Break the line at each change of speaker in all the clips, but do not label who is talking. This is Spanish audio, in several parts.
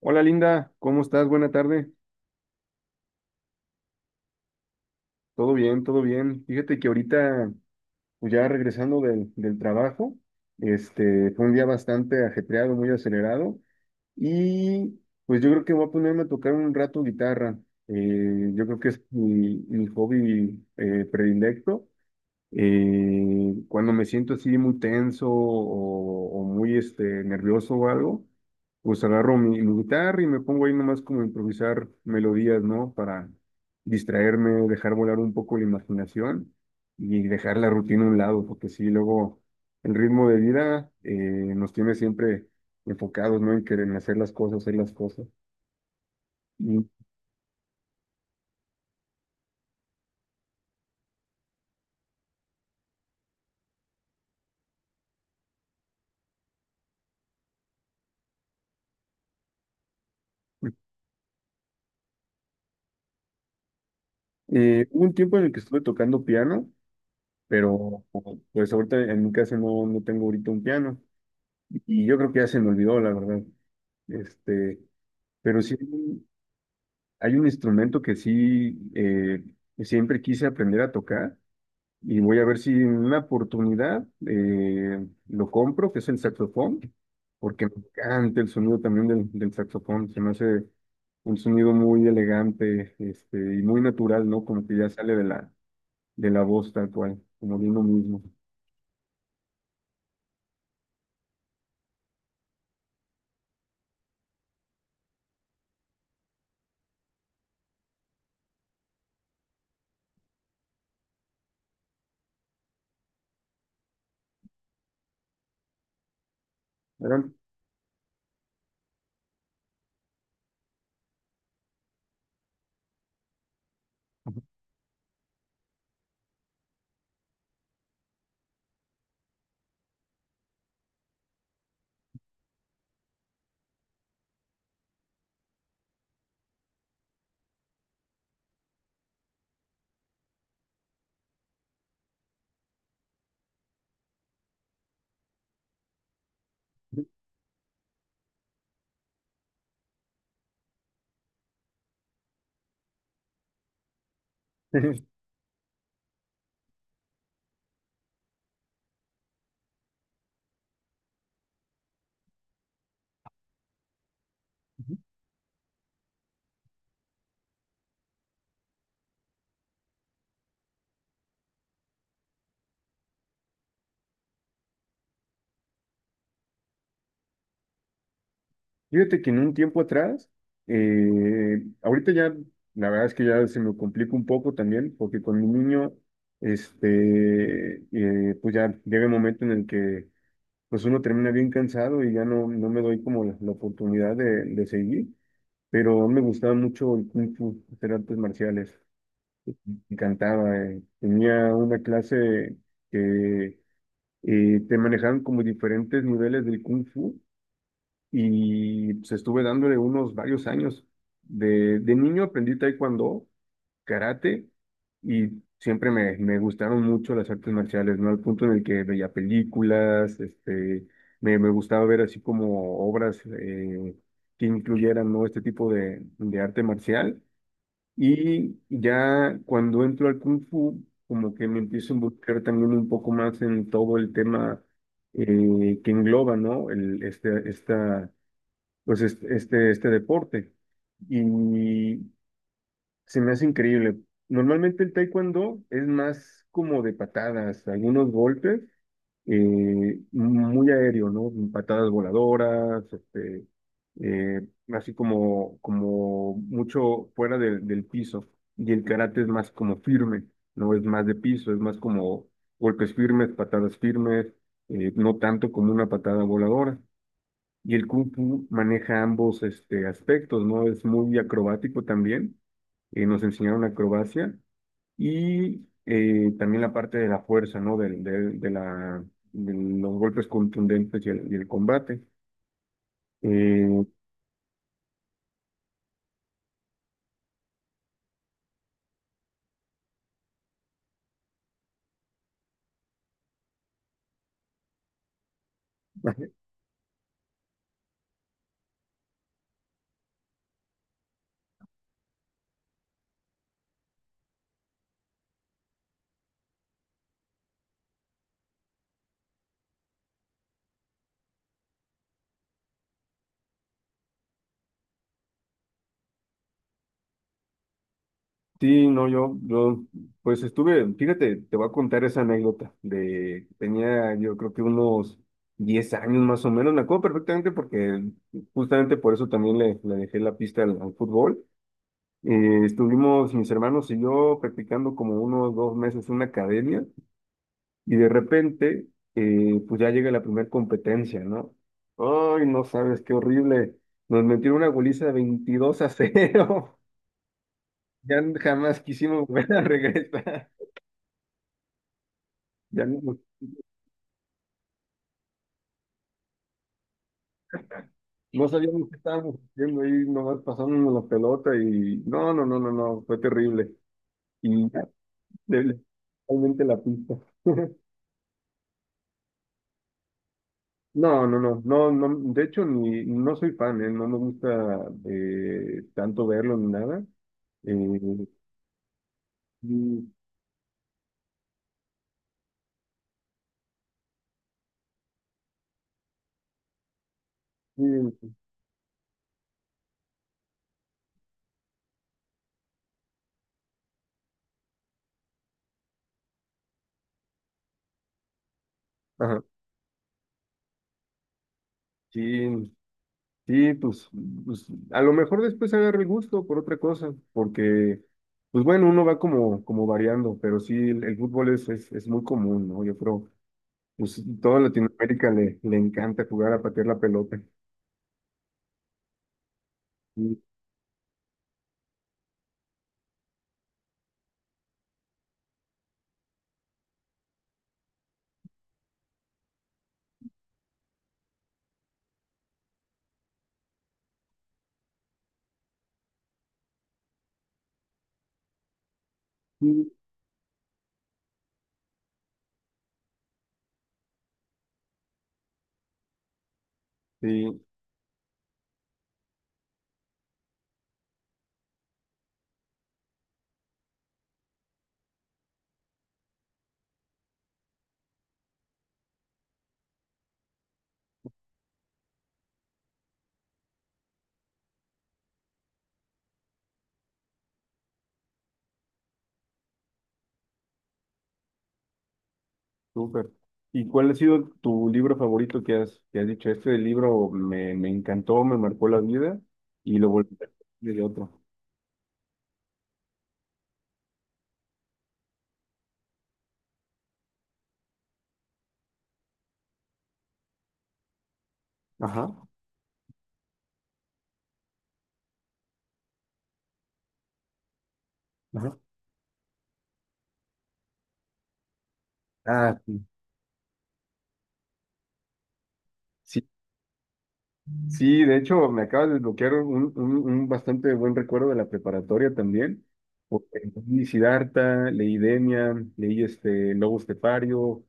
Hola Linda, ¿cómo estás? Buena tarde. Todo bien, todo bien. Fíjate que ahorita, pues ya regresando del trabajo, fue un día bastante ajetreado, muy acelerado, y pues yo creo que voy a ponerme a tocar un rato guitarra. Yo creo que es mi hobby predilecto. Cuando me siento así muy tenso o muy nervioso o algo, pues agarro mi guitarra y me pongo ahí nomás como a improvisar melodías, ¿no? Para distraerme, dejar volar un poco la imaginación y dejar la rutina a un lado, porque sí, luego el ritmo de vida nos tiene siempre enfocados, ¿no? En querer hacer las cosas, hacer las cosas. Y, Hubo un tiempo en el que estuve tocando piano, pero pues ahorita en mi casa no, no tengo ahorita un piano y yo creo que ya se me olvidó, la verdad. Este, pero sí hay un instrumento que sí que siempre quise aprender a tocar y voy a ver si en una oportunidad lo compro, que es el saxofón, porque me encanta el sonido también del saxofón, se me hace un sonido muy elegante y muy natural, ¿no? Como que ya sale de la voz tal cual, como de uno mismo. ¿Verdad? Fíjate que en un tiempo atrás, ahorita ya, la verdad es que ya se me complica un poco también, porque con mi niño, pues ya llega el momento en el que pues uno termina bien cansado y ya no, no me doy como la oportunidad de seguir, pero me gustaba mucho el Kung Fu, hacer artes marciales, me encantaba, eh. Tenía una clase que te manejaban como diferentes niveles del Kung Fu y pues estuve dándole unos varios años. De niño aprendí taekwondo, karate y siempre me gustaron mucho las artes marciales, ¿no? Al punto en el que veía películas, me gustaba ver así como obras que incluyeran, ¿no? Este tipo de arte marcial. Y ya cuando entro al kung fu, como que me empiezo a involucrar también un poco más en todo el tema que engloba, ¿no? Esta pues este deporte. Y se me hace increíble. Normalmente el taekwondo es más como de patadas, algunos golpes, muy aéreo, ¿no? Patadas voladoras, eh, así como, como mucho fuera del piso. Y el karate es más como firme, ¿no? Es más de piso, es más como golpes firmes, patadas firmes, no tanto como una patada voladora. Y el Kung Fu maneja ambos aspectos, ¿no? Es muy acrobático también, nos enseñaron acrobacia y también la parte de la fuerza, ¿no? De los golpes contundentes y y el combate. Eh, sí, no, yo, pues estuve, fíjate, te voy a contar esa anécdota de, tenía yo creo que unos 10 años más o menos, me acuerdo perfectamente porque justamente por eso también le dejé la pista al al fútbol. Estuvimos mis hermanos y yo practicando como unos 2 meses en una academia y de repente, pues ya llega la primera competencia, ¿no? Ay, no sabes, qué horrible. Nos metieron una goliza de 22-0. Ya jamás quisimos volver a regresar. Ya no, no sabíamos qué estábamos haciendo ahí, nomás pasándonos la pelota y no, no, no, no, no, fue terrible. Y ya, le- le- realmente la pista. No, no, no, no, no, de hecho ni, no soy fan, ¿eh? No me gusta tanto verlo ni nada. Eh, sí, sí, ajá, sí, sí, pues, pues, a lo mejor después agarro el gusto por otra cosa, porque, pues bueno, uno va como, como variando, pero sí, el fútbol es muy común, ¿no? Yo creo, pues toda Latinoamérica le encanta jugar a patear la pelota. Sí, sí, sí. Súper. ¿Y cuál ha sido tu libro favorito que has dicho? Este libro me encantó, me marcó la vida y lo volví a leer de otro. Ajá, ajá. Ah, sí. Sí, sí, de hecho me acabas de desbloquear un bastante buen recuerdo de la preparatoria también. Porque leí Siddhartha, leí Demian, leí este Lobo Estepario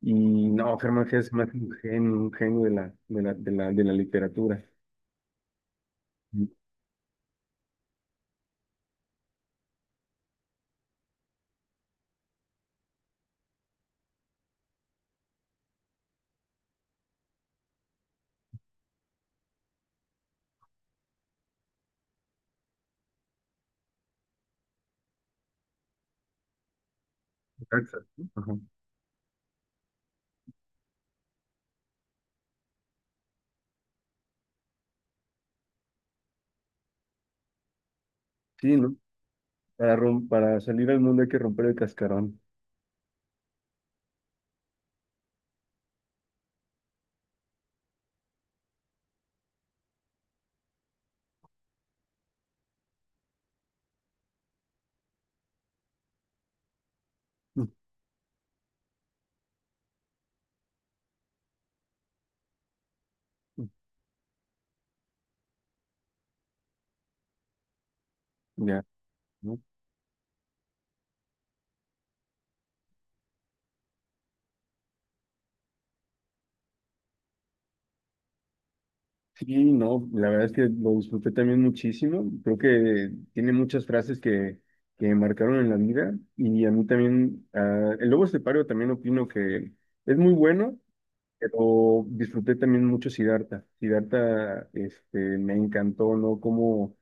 y no, Germán Gess es más un genio de la, de la literatura. Exacto. Ajá. Sí, ¿no? Para salir al mundo hay que romper el cascarón. Ya, ¿no? Sí, no, la verdad es que lo disfruté también muchísimo. Creo que tiene muchas frases que me marcaron en la vida. Y a mí también, ah, el Lobo Estepario también opino que es muy bueno. Pero disfruté también mucho Siddhartha. Siddhartha, este, me encantó, ¿no? Cómo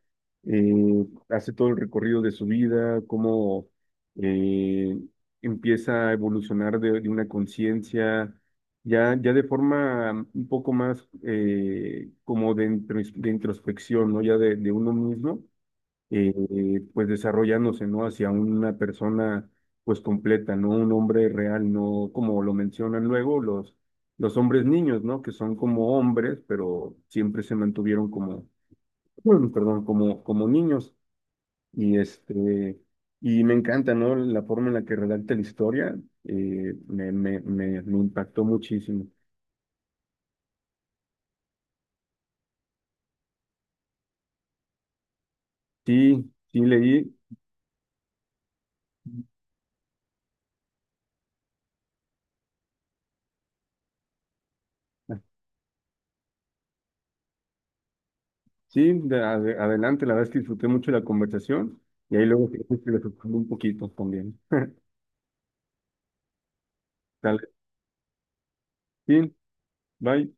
hace todo el recorrido de su vida, cómo eh, empieza a evolucionar de una conciencia, ya, ya de forma un poco más como de introspección, ¿no? Ya de uno mismo pues desarrollándose, ¿no? Hacia una persona pues completa, ¿no? Un hombre real, no como lo mencionan luego los hombres niños, ¿no? Que son como hombres, pero siempre se mantuvieron como, bueno, perdón, como, como niños. Y este, y me encanta, ¿no? La forma en la que redacta la historia, me impactó muchísimo. Sí, sí leí. Sí, adelante, la verdad es que disfruté mucho la conversación y ahí luego si gustas, le un poquito también. Dale, sí, bye.